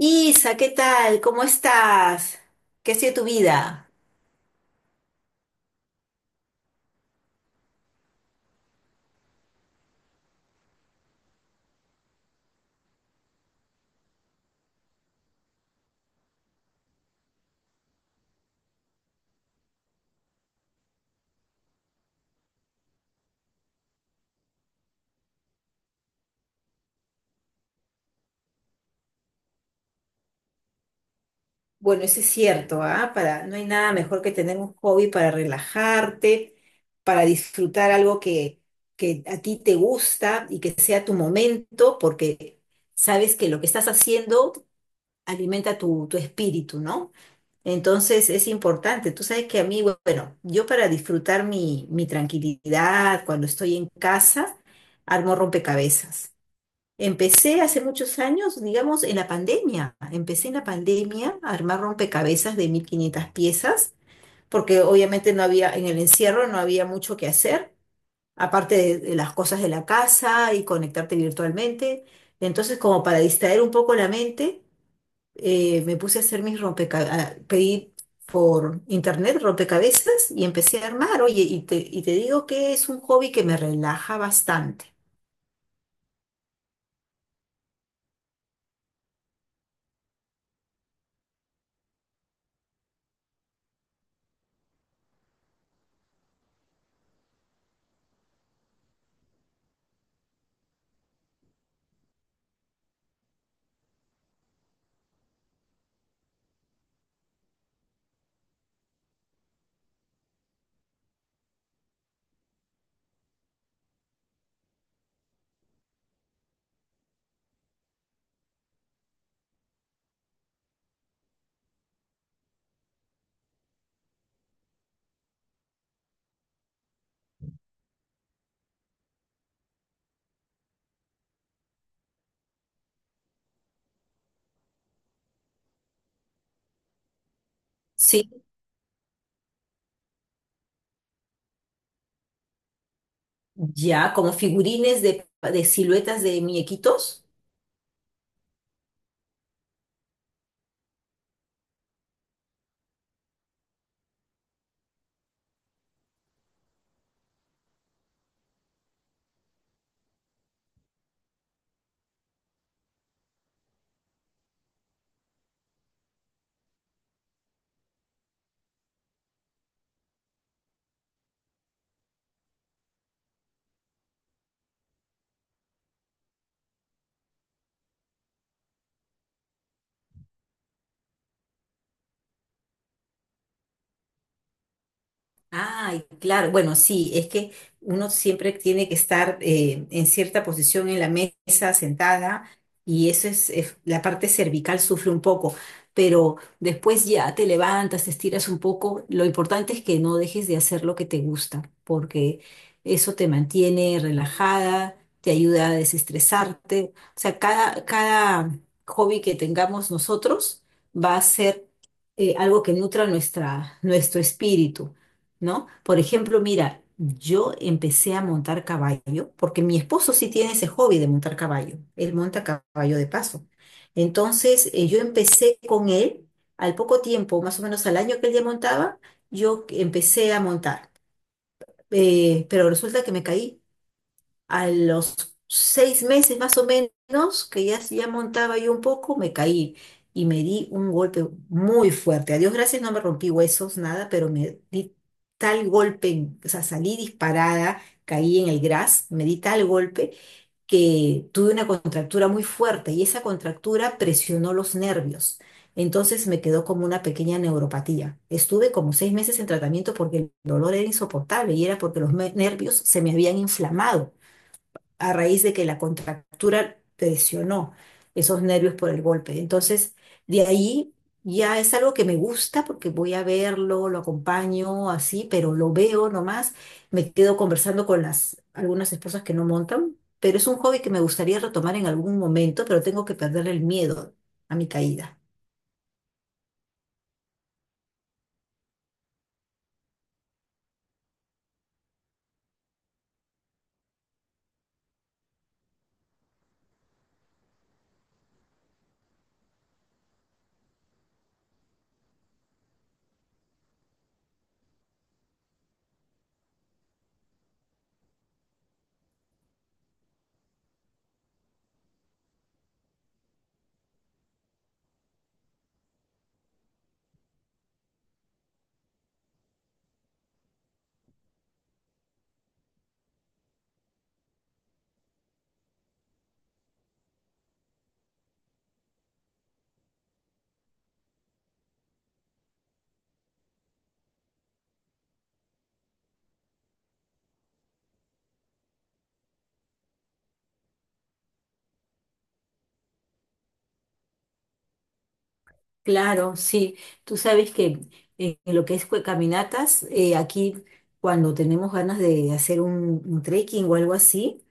Isa, ¿qué tal? ¿Cómo estás? ¿Qué ha sido tu vida? Bueno, eso es cierto, ¿ah? No hay nada mejor que tener un hobby para relajarte, para disfrutar algo que a ti te gusta y que sea tu momento, porque sabes que lo que estás haciendo alimenta tu espíritu, ¿no? Entonces es importante. Tú sabes que a mí, bueno, yo para disfrutar mi tranquilidad cuando estoy en casa, armo rompecabezas. Empecé hace muchos años, digamos, en la pandemia. Empecé en la pandemia a armar rompecabezas de 1500 piezas, porque obviamente no había, en el encierro no había mucho que hacer, aparte de las cosas de la casa y conectarte virtualmente. Entonces, como para distraer un poco la mente, me puse a hacer mis rompecabezas, pedí por internet rompecabezas y empecé a armar. Oye, y te digo que es un hobby que me relaja bastante. Sí. Ya, como figurines de siluetas de muñequitos. Ay, claro, bueno, sí, es que uno siempre tiene que estar en cierta posición en la mesa, sentada, y eso es la parte cervical sufre un poco, pero después ya te levantas, te estiras un poco, lo importante es que no dejes de hacer lo que te gusta, porque eso te mantiene relajada, te ayuda a desestresarte, o sea, cada hobby que tengamos nosotros va a ser algo que nutra nuestro espíritu. ¿No? Por ejemplo, mira, yo empecé a montar caballo porque mi esposo sí tiene ese hobby de montar caballo. Él monta caballo de paso. Entonces, yo empecé con él al poco tiempo, más o menos al año que él ya montaba, yo empecé a montar. Pero resulta que me caí. A los 6 meses más o menos, que ya montaba yo un poco, me caí y me di un golpe muy fuerte. A Dios gracias, no me rompí huesos, nada, pero me di tal golpe, o sea, salí disparada, caí en el gras, me di tal golpe que tuve una contractura muy fuerte y esa contractura presionó los nervios. Entonces me quedó como una pequeña neuropatía. Estuve como 6 meses en tratamiento porque el dolor era insoportable y era porque nervios se me habían inflamado a raíz de que la contractura presionó esos nervios por el golpe. Entonces, de ahí ya es algo que me gusta porque voy a verlo, lo acompaño así, pero lo veo nomás, me quedo conversando con las algunas esposas que no montan, pero es un hobby que me gustaría retomar en algún momento, pero tengo que perderle el miedo a mi caída. Claro, sí. Tú sabes que en lo que es caminatas, aquí cuando tenemos ganas de hacer un trekking o algo así,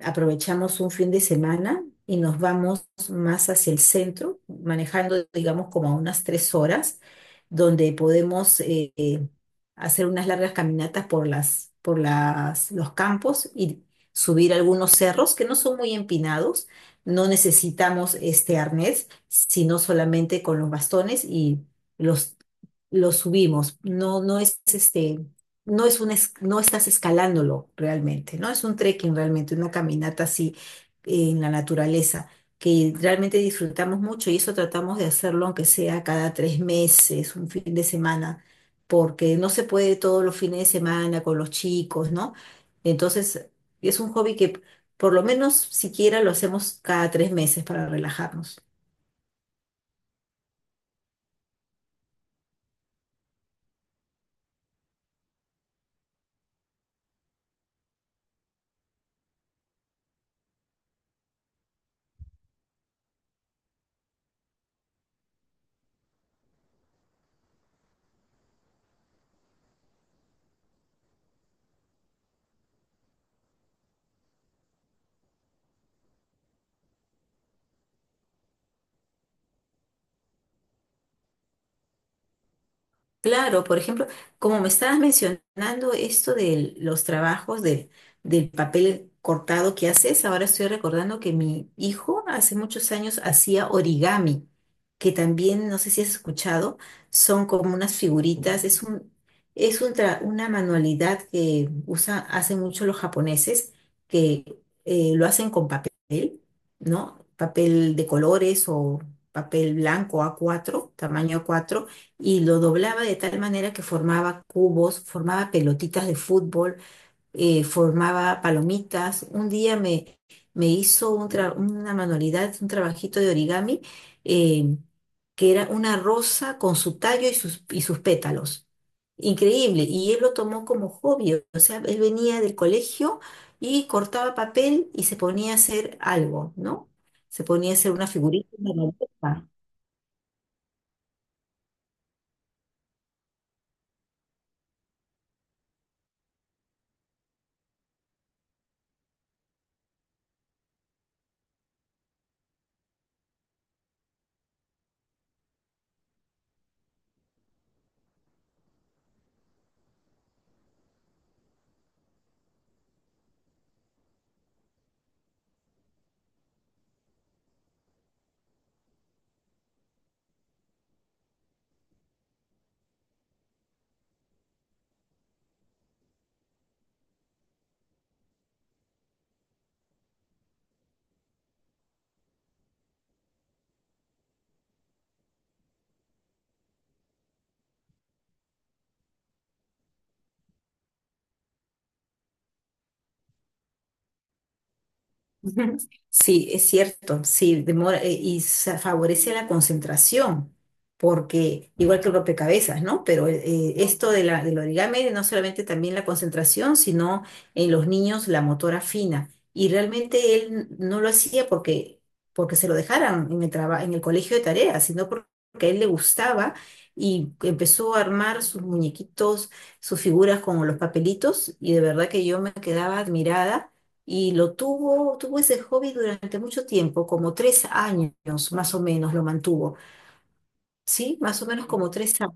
aprovechamos un fin de semana y nos vamos más hacia el centro, manejando, digamos, como a unas 3 horas, donde podemos hacer unas largas caminatas por los campos y subir algunos cerros que no son muy empinados, no necesitamos este arnés, sino solamente con los bastones y los, los subimos. No, no es este, no es un, no estás escalándolo realmente, no es un trekking realmente, una caminata así en la naturaleza que realmente disfrutamos mucho, y eso tratamos de hacerlo aunque sea cada 3 meses, un fin de semana, porque no se puede todos los fines de semana con los chicos, ¿no? Entonces, es un hobby que por lo menos siquiera lo hacemos cada 3 meses para relajarnos. Claro, por ejemplo, como me estabas mencionando esto de los trabajos del papel cortado que haces, ahora estoy recordando que mi hijo hace muchos años hacía origami, que también, no sé si has escuchado, son como unas figuritas, es es una manualidad que usa, hacen mucho los japoneses, que lo hacen con papel, ¿no? Papel de colores o papel blanco A4, tamaño A4, y lo doblaba de tal manera que formaba cubos, formaba pelotitas de fútbol, formaba palomitas. Un día me hizo una manualidad, un trabajito de origami, eh, que era una rosa con su tallo y sus pétalos. Increíble. Y él lo tomó como hobby. O sea, él venía del colegio y cortaba papel y se ponía a hacer algo, ¿no? Se ponía a hacer una figurita, una maleta. Ujú. Sí, es cierto, sí, demora y se favorece la concentración, porque igual que el rompecabezas, ¿no? Pero esto de del origami no solamente también la concentración, sino en los niños la motora fina. Y realmente él no lo hacía porque se lo dejaran en el en el colegio de tareas, porque a él le gustaba y empezó a armar sus muñequitos, sus figuras con los papelitos, y de verdad que yo me quedaba admirada y tuvo ese hobby durante mucho tiempo, como 3 años más o menos lo mantuvo, ¿sí? Más o menos como 3 años.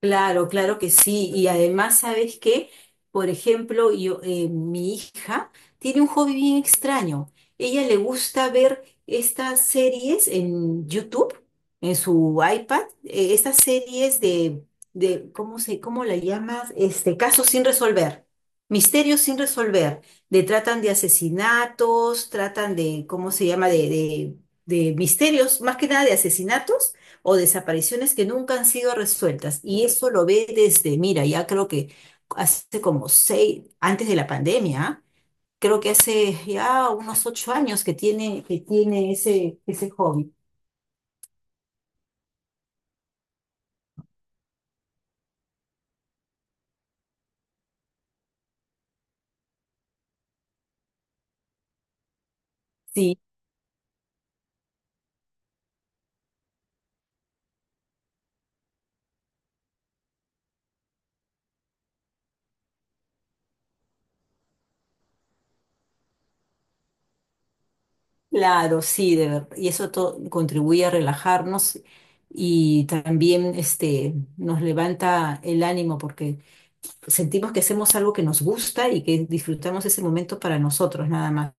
Claro, claro que sí. Y además, ¿sabes qué? Por ejemplo, mi hija tiene un hobby bien extraño. Ella le gusta ver estas series en YouTube, en su iPad, estas series de, ¿cómo cómo la llamas? Este, casos sin resolver, misterios sin resolver. De tratan de asesinatos, tratan de, ¿cómo se llama? De misterios, más que nada de asesinatos o desapariciones que nunca han sido resueltas. Y eso lo ve desde, mira, ya creo que hace como seis, antes de la pandemia, ¿ah? Creo que hace ya unos 8 años que que tiene ese hobby. Sí, claro, sí, de verdad. Y eso contribuye a relajarnos y también este, nos levanta el ánimo porque sentimos que hacemos algo que nos gusta y que disfrutamos ese momento para nosotros, nada más.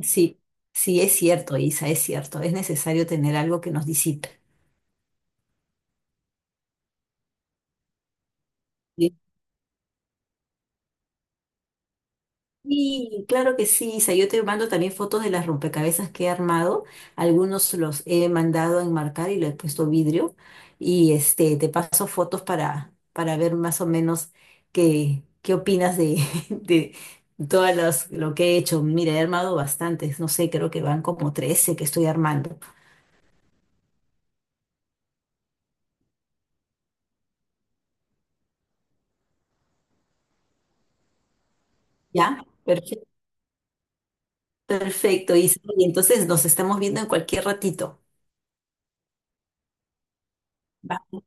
Sí, sí, es cierto, Isa, es cierto. Es necesario tener algo que nos disipe. Sí. Sí, claro que sí, Isa. Yo te mando también fotos de las rompecabezas que he armado. Algunos los he mandado a enmarcar y le he puesto vidrio. Y este, te paso fotos para ver más o menos qué opinas de, de lo que he hecho. Mira, he armado bastantes. No sé, creo que van como 13 que estoy armando. ¿Ya? Perfecto, perfecto, Isa. Y entonces nos estamos viendo en cualquier ratito. Bye.